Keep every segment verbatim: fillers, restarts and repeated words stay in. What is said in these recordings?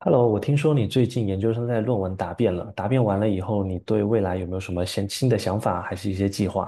Hello，我听说你最近研究生在论文答辩了，答辩完了以后，你对未来有没有什么新新的想法，还是一些计划？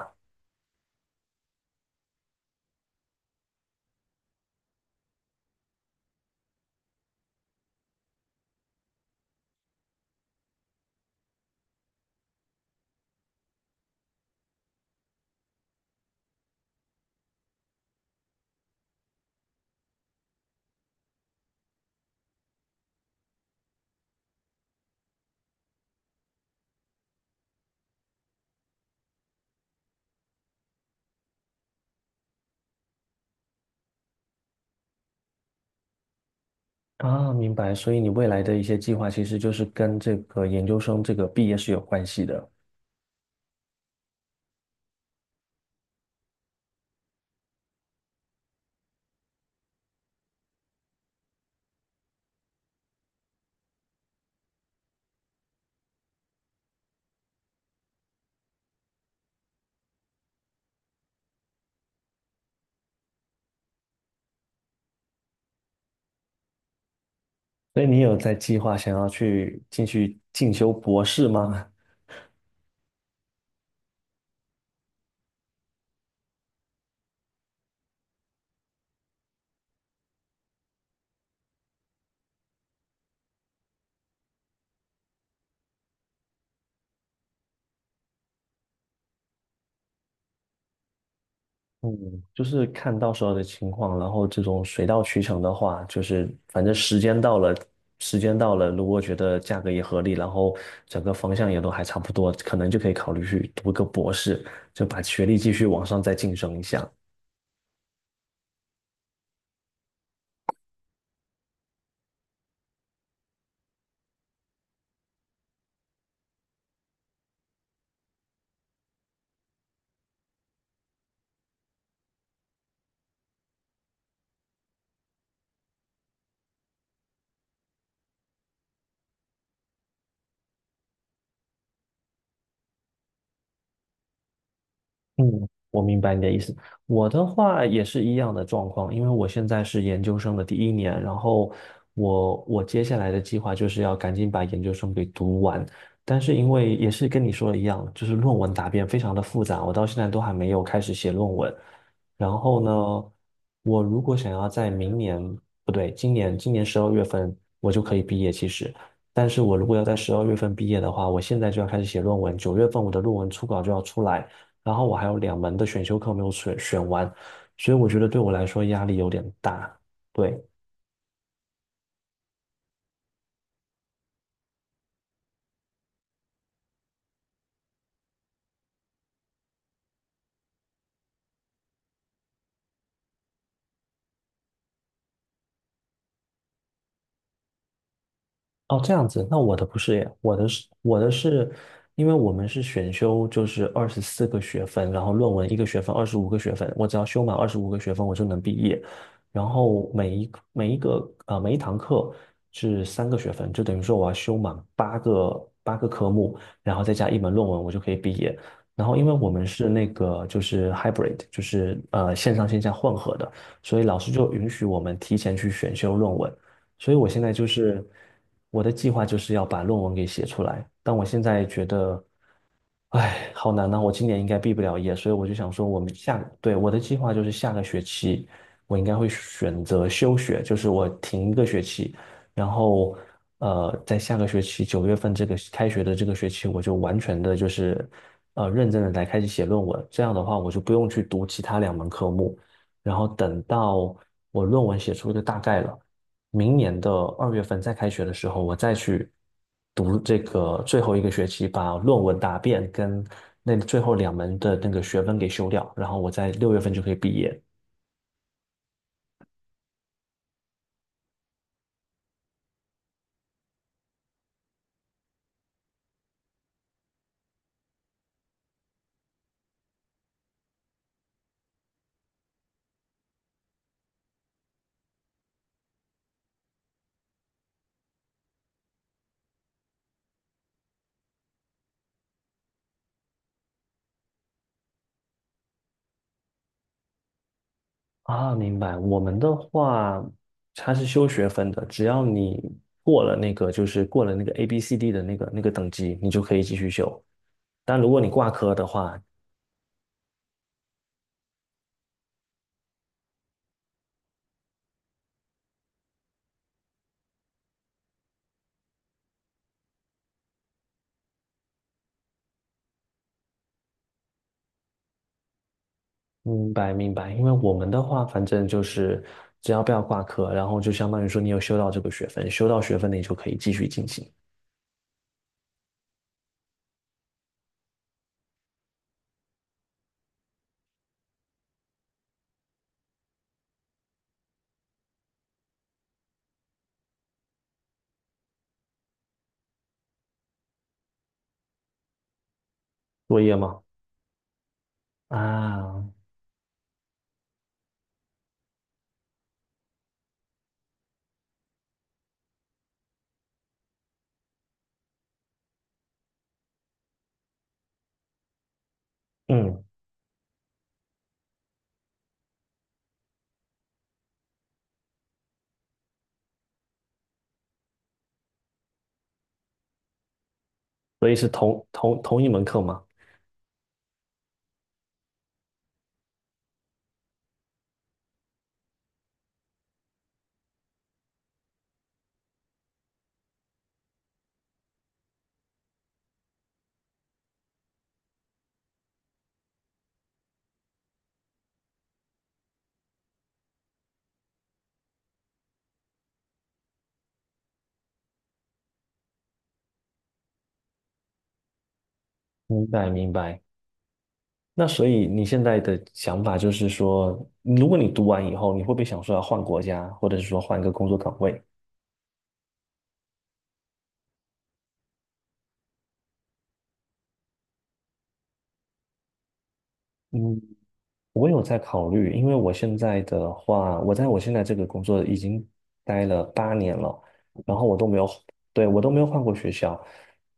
啊，明白。所以你未来的一些计划，其实就是跟这个研究生这个毕业是有关系的。所以你有在计划想要去进去进修博士吗？嗯，就是看到时候的情况，然后这种水到渠成的话，就是反正时间到了，时间到了，如果觉得价格也合理，然后整个方向也都还差不多，可能就可以考虑去读个博士，就把学历继续往上再晋升一下。嗯，我明白你的意思。我的话也是一样的状况，因为我现在是研究生的第一年，然后我我接下来的计划就是要赶紧把研究生给读完。但是因为也是跟你说的一样，就是论文答辩非常的复杂，我到现在都还没有开始写论文。然后呢，我如果想要在明年，不对，今年今年十二月份我就可以毕业，其实。但是我如果要在十二月份毕业的话，我现在就要开始写论文，九月份我的论文初稿就要出来。然后我还有两门的选修课没有选选完，所以我觉得对我来说压力有点大。对，哦，这样子，那我的不是耶，我的是我的是，因为我们是选修，就是二十四个学分，然后论文一个学分，二十五个学分，我只要修满二十五个学分，我就能毕业。然后每一个每一个呃每一堂课是三个学分，就等于说我要修满八个八个科目，然后再加一门论文，我就可以毕业。然后因为我们是那个就是 hybrid，就是呃线上线下混合的，所以老师就允许我们提前去选修论文。所以我现在就是我的计划就是要把论文给写出来，但我现在觉得，哎，好难呐，我今年应该毕不了业，所以我就想说，我们下，对，我的计划就是下个学期我应该会选择休学，就是我停一个学期，然后呃，在下个学期九月份这个开学的这个学期，我就完全的就是呃认真的来开始写论文，这样的话我就不用去读其他两门科目，然后等到我论文写出一个大概了。明年的二月份再开学的时候，我再去读这个最后一个学期，把论文答辩跟那最后两门的那个学分给修掉，然后我在六月份就可以毕业。啊，明白。我们的话，它是修学分的，只要你过了那个，就是过了那个 A B C D 的那个那个等级，你就可以继续修。但如果你挂科的话，明白明白，因为我们的话，反正就是只要不要挂科，然后就相当于说你有修到这个学分，修到学分你就可以继续进行作业吗？啊，嗯，所以是同同同一门课吗？明白明白。那所以你现在的想法就是说，如果你读完以后，你会不会想说要换国家，或者是说换一个工作岗位？嗯，我有在考虑，因为我现在的话，我在我现在这个工作已经待了八年了，然后我都没有，对，我都没有换过学校，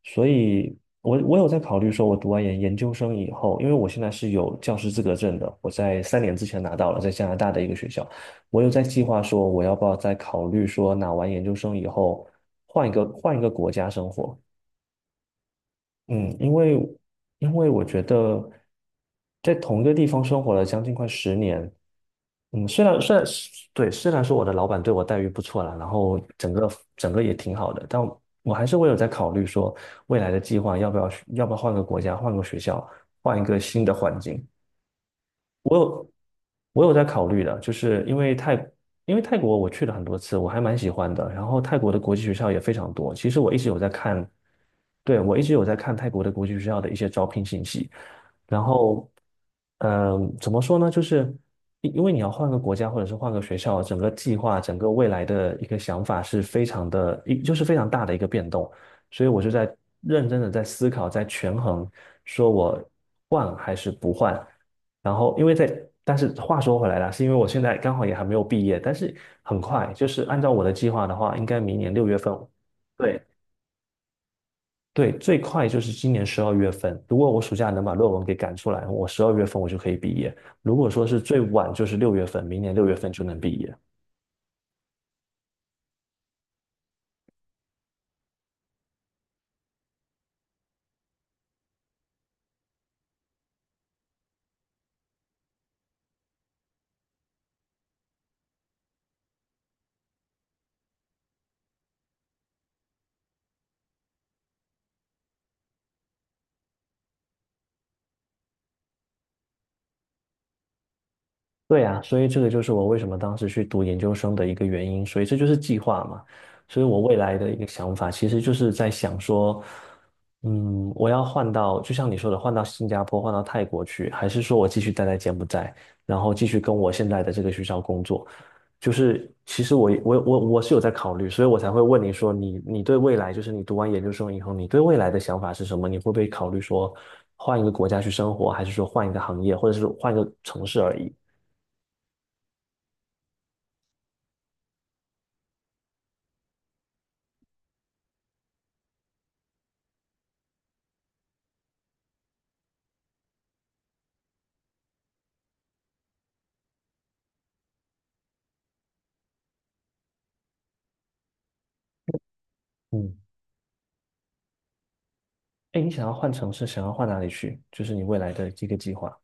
所以我我有在考虑说，我读完研研究生以后，因为我现在是有教师资格证的，我在三年之前拿到了，在加拿大的一个学校，我有在计划说，我要不要再考虑说，拿完研究生以后换一个换一个国家生活，嗯，因为因为我觉得在同一个地方生活了将近快十年，嗯，虽然虽然对，虽然说我的老板对我待遇不错啦，然后整个整个也挺好的，但我还是会有在考虑说未来的计划要不要要不要换个国家、换个学校、换一个新的环境。我有我有在考虑的，就是因为泰因为泰国我去了很多次，我还蛮喜欢的。然后泰国的国际学校也非常多，其实我一直有在看，对，我一直有在看泰国的国际学校的一些招聘信息。然后，嗯、怎么说呢？就是因因为你要换个国家或者是换个学校，整个计划、整个未来的一个想法是非常的，一就是非常大的一个变动。所以我就在认真的在思考，在权衡，说我换还是不换。然后因为在，但是话说回来了，是因为我现在刚好也还没有毕业，但是很快，就是按照我的计划的话，应该明年六月份，对，对，最快就是今年十二月份。如果我暑假能把论文给赶出来，我十二月份我就可以毕业。如果说是最晚就是六月份，明年六月份就能毕业。对呀，所以这个就是我为什么当时去读研究生的一个原因，所以这就是计划嘛。所以我未来的一个想法，其实就是在想说，嗯，我要换到，就像你说的，换到新加坡，换到泰国去，还是说我继续待在柬埔寨，然后继续跟我现在的这个学校工作？就是其实我我我我是有在考虑，所以我才会问你说你你对未来，就是你读完研究生以后，你对未来的想法是什么？你会不会考虑说换一个国家去生活，还是说换一个行业，或者是换一个城市而已？嗯，哎，你想要换城市，想要换哪里去？就是你未来的一个计划。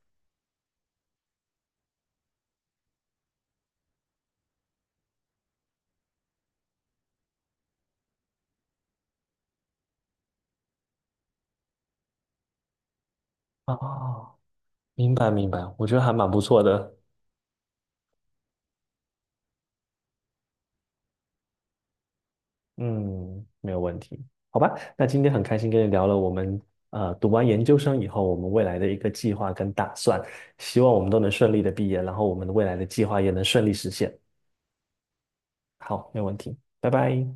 哦，明白明白，我觉得还蛮不错的。嗯，没有问题。好吧，那今天很开心跟你聊了我们呃读完研究生以后，我们未来的一个计划跟打算，希望我们都能顺利的毕业，然后我们的未来的计划也能顺利实现。好，没有问题，拜拜。